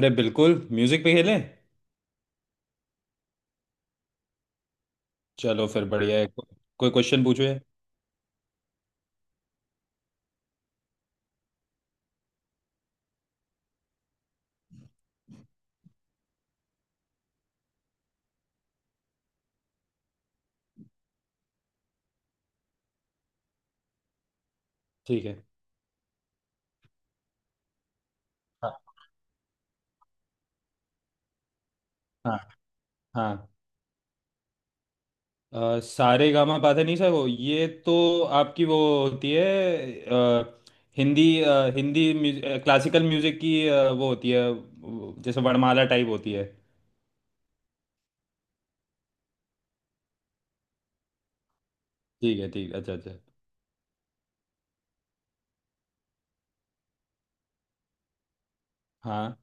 अरे बिल्कुल म्यूजिक पे खेलें। चलो फिर बढ़िया है कोई क्वेश्चन पूछो यार। ठीक है। हाँ हाँ हाँ। सारे गामा पाधे नहीं सको ये तो आपकी वो होती है। अ, हिंदी हिंदी क्लासिकल म्यूजिक की वो होती है। वो जैसे वर्णमाला टाइप होती है। ठीक है। ठीक। अच्छा अच्छा। हाँ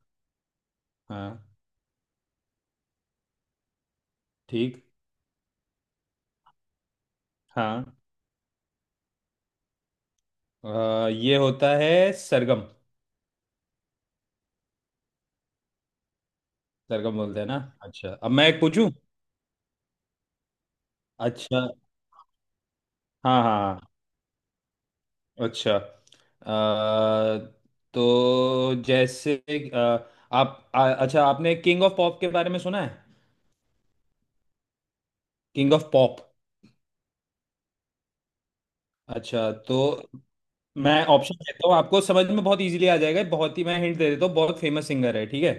हाँ। ठीक। हाँ। ये होता है सरगम। सरगम बोलते हैं ना। अच्छा, अब मैं एक पूछूं। अच्छा। हाँ हाँ। अच्छा। आ, तो जैसे आ, अच्छा, आपने किंग ऑफ पॉप के बारे में सुना है। King of pop. अच्छा, तो मैं ऑप्शन देता हूँ आपको, समझ में बहुत इजीली आ जाएगा। बहुत ही मैं हिंट दे देता हूँ। बहुत फेमस सिंगर है, ठीक है।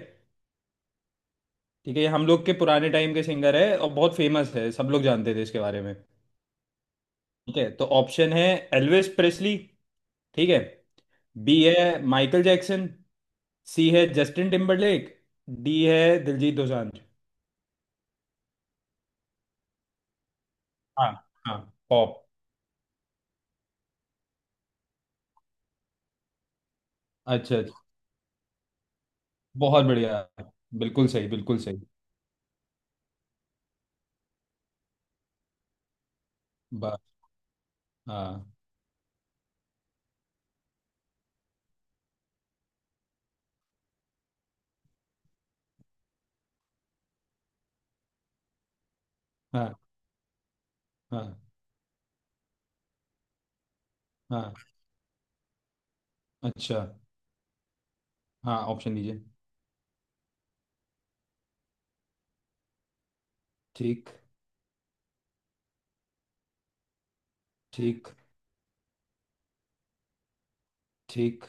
ठीक है, ये हम लोग के पुराने टाइम के सिंगर है और बहुत फेमस है, सब लोग जानते थे इसके बारे में। ठीक है, तो ऑप्शन है एल्विस प्रेस्ली। ठीक है। बी है माइकल जैक्सन। सी है जस्टिन टिम्बरलेक। डी है दिलजीत दोसांझ। हाँ हाँ। पॉप। अच्छा अच्छा। बहुत बढ़िया। बिल्कुल सही, बिल्कुल सही। बा हाँ हाँ हाँ हाँ। अच्छा। हाँ, ऑप्शन दीजिए। ठीक। ठीक। ठीक।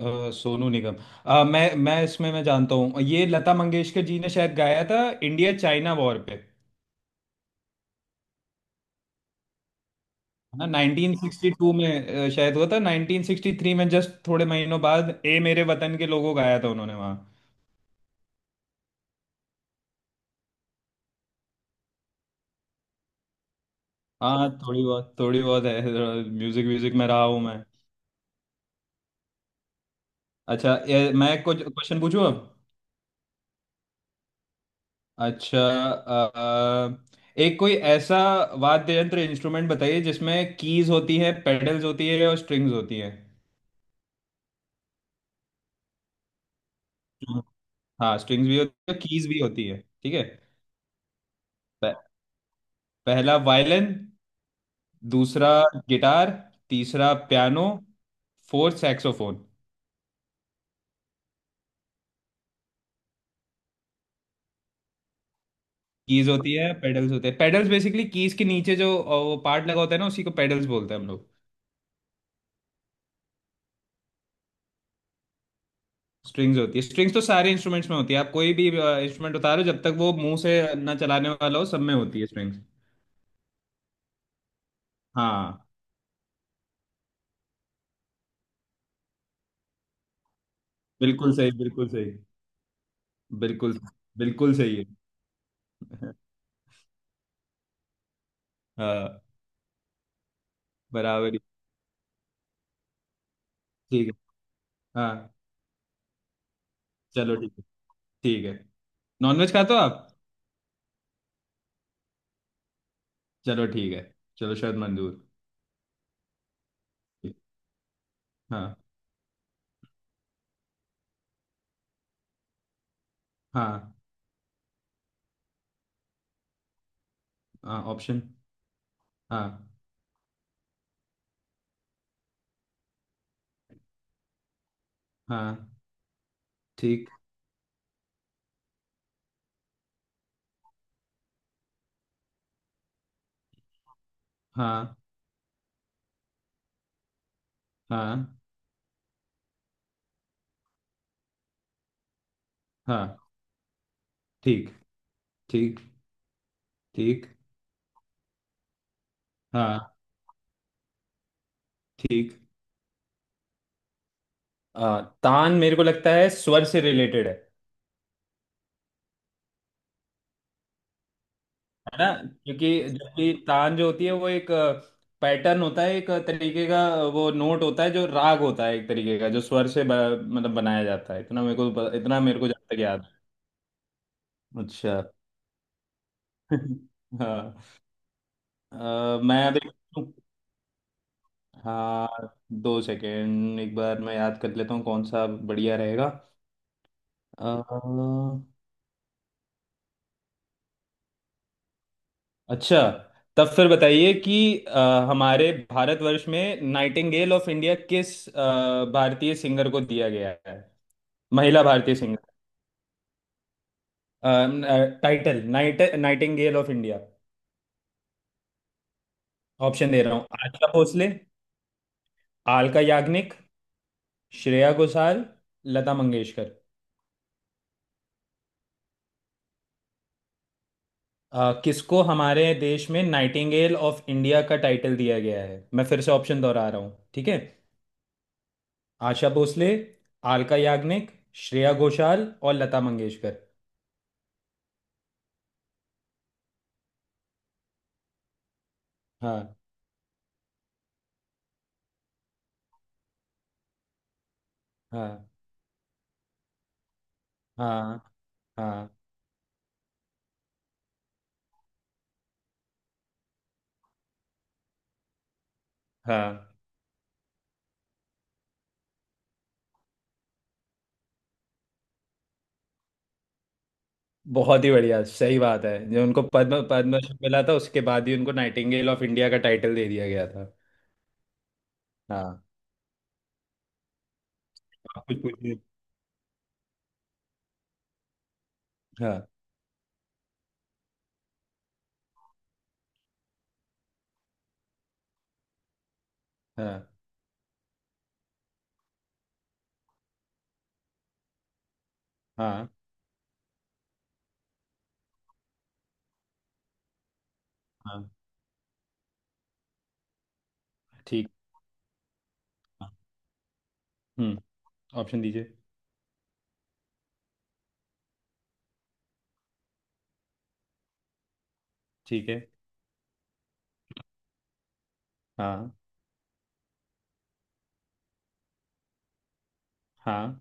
सोनू निगम। मैं इसमें मैं जानता हूँ, ये लता मंगेशकर जी ने शायद गाया था इंडिया चाइना वॉर पे। है ना, 1962 में। शायद हुआ था 1963 में, जस्ट थोड़े महीनों बाद ए मेरे वतन के लोगों गाया था उन्होंने वहाँ। हाँ, थोड़ी बहुत, थोड़ी बहुत है। म्यूजिक म्यूजिक में रहा हूँ मैं। अच्छा, ये मैं कुछ क्वेश्चन पूछूं अब। अच्छा। एक कोई ऐसा वाद्य यंत्र, इंस्ट्रूमेंट बताइए, जिसमें कीज होती है, पेडल्स होती है और स्ट्रिंग्स होती है। हम्म। हाँ, स्ट्रिंग्स भी होती है, कीज भी होती है। ठीक है। प- पहला वायलिन। दूसरा गिटार। तीसरा पियानो। Fourth saxophone. कीज होती है, पेडल्स होते हैं। पेडल्स बेसिकली कीज के नीचे जो वो पार्ट लगा होता है ना, उसी को पेडल्स बोलते हैं हम लोग। स्ट्रिंग्स होती है। स्ट्रिंग्स तो सारे इंस्ट्रूमेंट्स में होती है। आप कोई भी इंस्ट्रूमेंट उतारो, जब तक वो मुंह से ना चलाने वाला हो, सब में होती है स्ट्रिंग्स। हाँ, बिल्कुल सही, बिल्कुल सही। बिल्कुल, बिल्कुल सही है। हाँ, बराबर ही ठीक है। हाँ, चलो ठीक है। ठीक है। नॉनवेज खाते हो आप। चलो ठीक है। चलो, शायद मंजूर। ठीक। हाँ। हाँ। हाँ, ऑप्शन। हाँ हाँ। ठीक। हाँ हाँ हाँ। ठीक। ठीक। ठीक। हाँ। ठीक। तान मेरे को लगता है स्वर से रिलेटेड है। है ना। क्योंकि जबकि तान जो होती है वो एक पैटर्न होता है एक तरीके का। वो नोट होता है, जो राग होता है एक तरीके का, जो स्वर से मतलब बनाया जाता है। इतना मेरे को जहाँ तक याद है। अच्छा। हाँ। मैं अभी। हाँ, दो सेकेंड, एक बार मैं याद कर लेता हूँ कौन सा बढ़िया रहेगा। अ, अच्छा, तब फिर बताइए कि हमारे भारतवर्ष में नाइटिंगेल ऑफ इंडिया किस भारतीय सिंगर को दिया गया है। महिला भारतीय singer, title, Nightingale of India. Option दे रहा हूँ, आशा भोसले। आलका याग्निक। श्रेया घोषाल। लता मंगेशकर। किसको हमारे देश में नाइटिंगेल ऑफ इंडिया का टाइटल दिया गया है, मैं फिर से ऑप्शन दोहरा रहा हूँ, ठीक है। आशा भोसले। आलका याग्निक। श्रेया घोषाल और लता मंगेशकर। हाँ हाँ हाँ हाँ हाँ। बहुत ही बढ़िया, सही बात है। जो उनको पद्मश्री मिला था, उसके बाद ही उनको नाइटिंगेल ऑफ इंडिया का टाइटल दे दिया गया था। हाँ। आप कुछ पूछिए। हाँ हाँ हाँ हाँ। ठीक। हाँ। हम्म। ऑप्शन दीजिए। ठीक है। हाँ हाँ।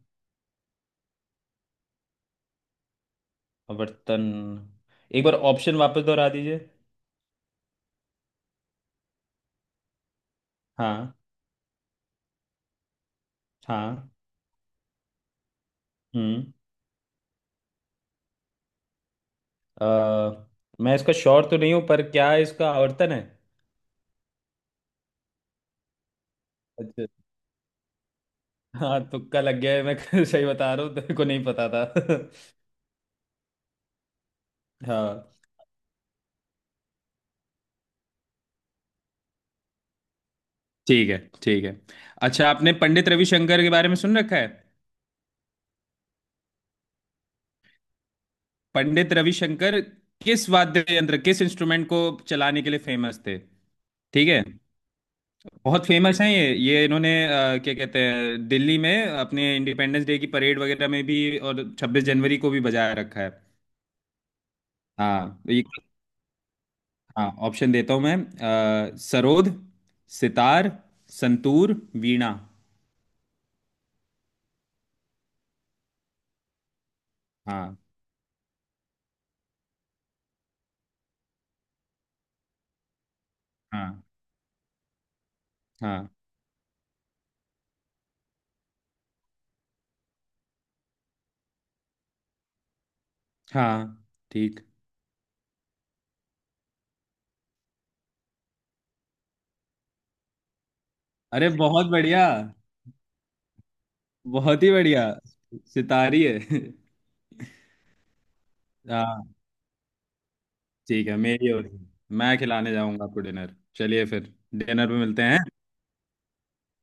वर्तन। एक बार ऑप्शन वापस दोहरा दीजिए। हाँ हाँ। हम्म। अ, मैं इसका श्योर तो नहीं हूँ, पर क्या इसका आवर्तन है। अच्छा। हाँ, तुक्का लग गया है मैं सही बता रहा हूँ, तेरे को नहीं पता था। हाँ, ठीक है। ठीक है। अच्छा, आपने पंडित रविशंकर के बारे में सुन रखा है। पंडित रविशंकर किस वाद्य यंत्र, किस इंस्ट्रूमेंट को चलाने के लिए फेमस थे। ठीक है। बहुत फेमस हैं ये, इन्होंने क्या कहते हैं, दिल्ली में अपने इंडिपेंडेंस डे की परेड वगैरह में भी और 26 जनवरी को भी बजाया रखा है। हाँ, ये। हाँ, ऑप्शन देता हूँ मैं। सरोद। सितार। संतूर। वीणा। हाँ हाँ हाँ हाँ। ठीक। अरे, बहुत बढ़िया। बहुत ही बढ़िया। सितारी है। हाँ, ठीक है। मेरी हो रही है। मैं खिलाने जाऊंगा आपको डिनर। चलिए फिर, डिनर पे मिलते हैं।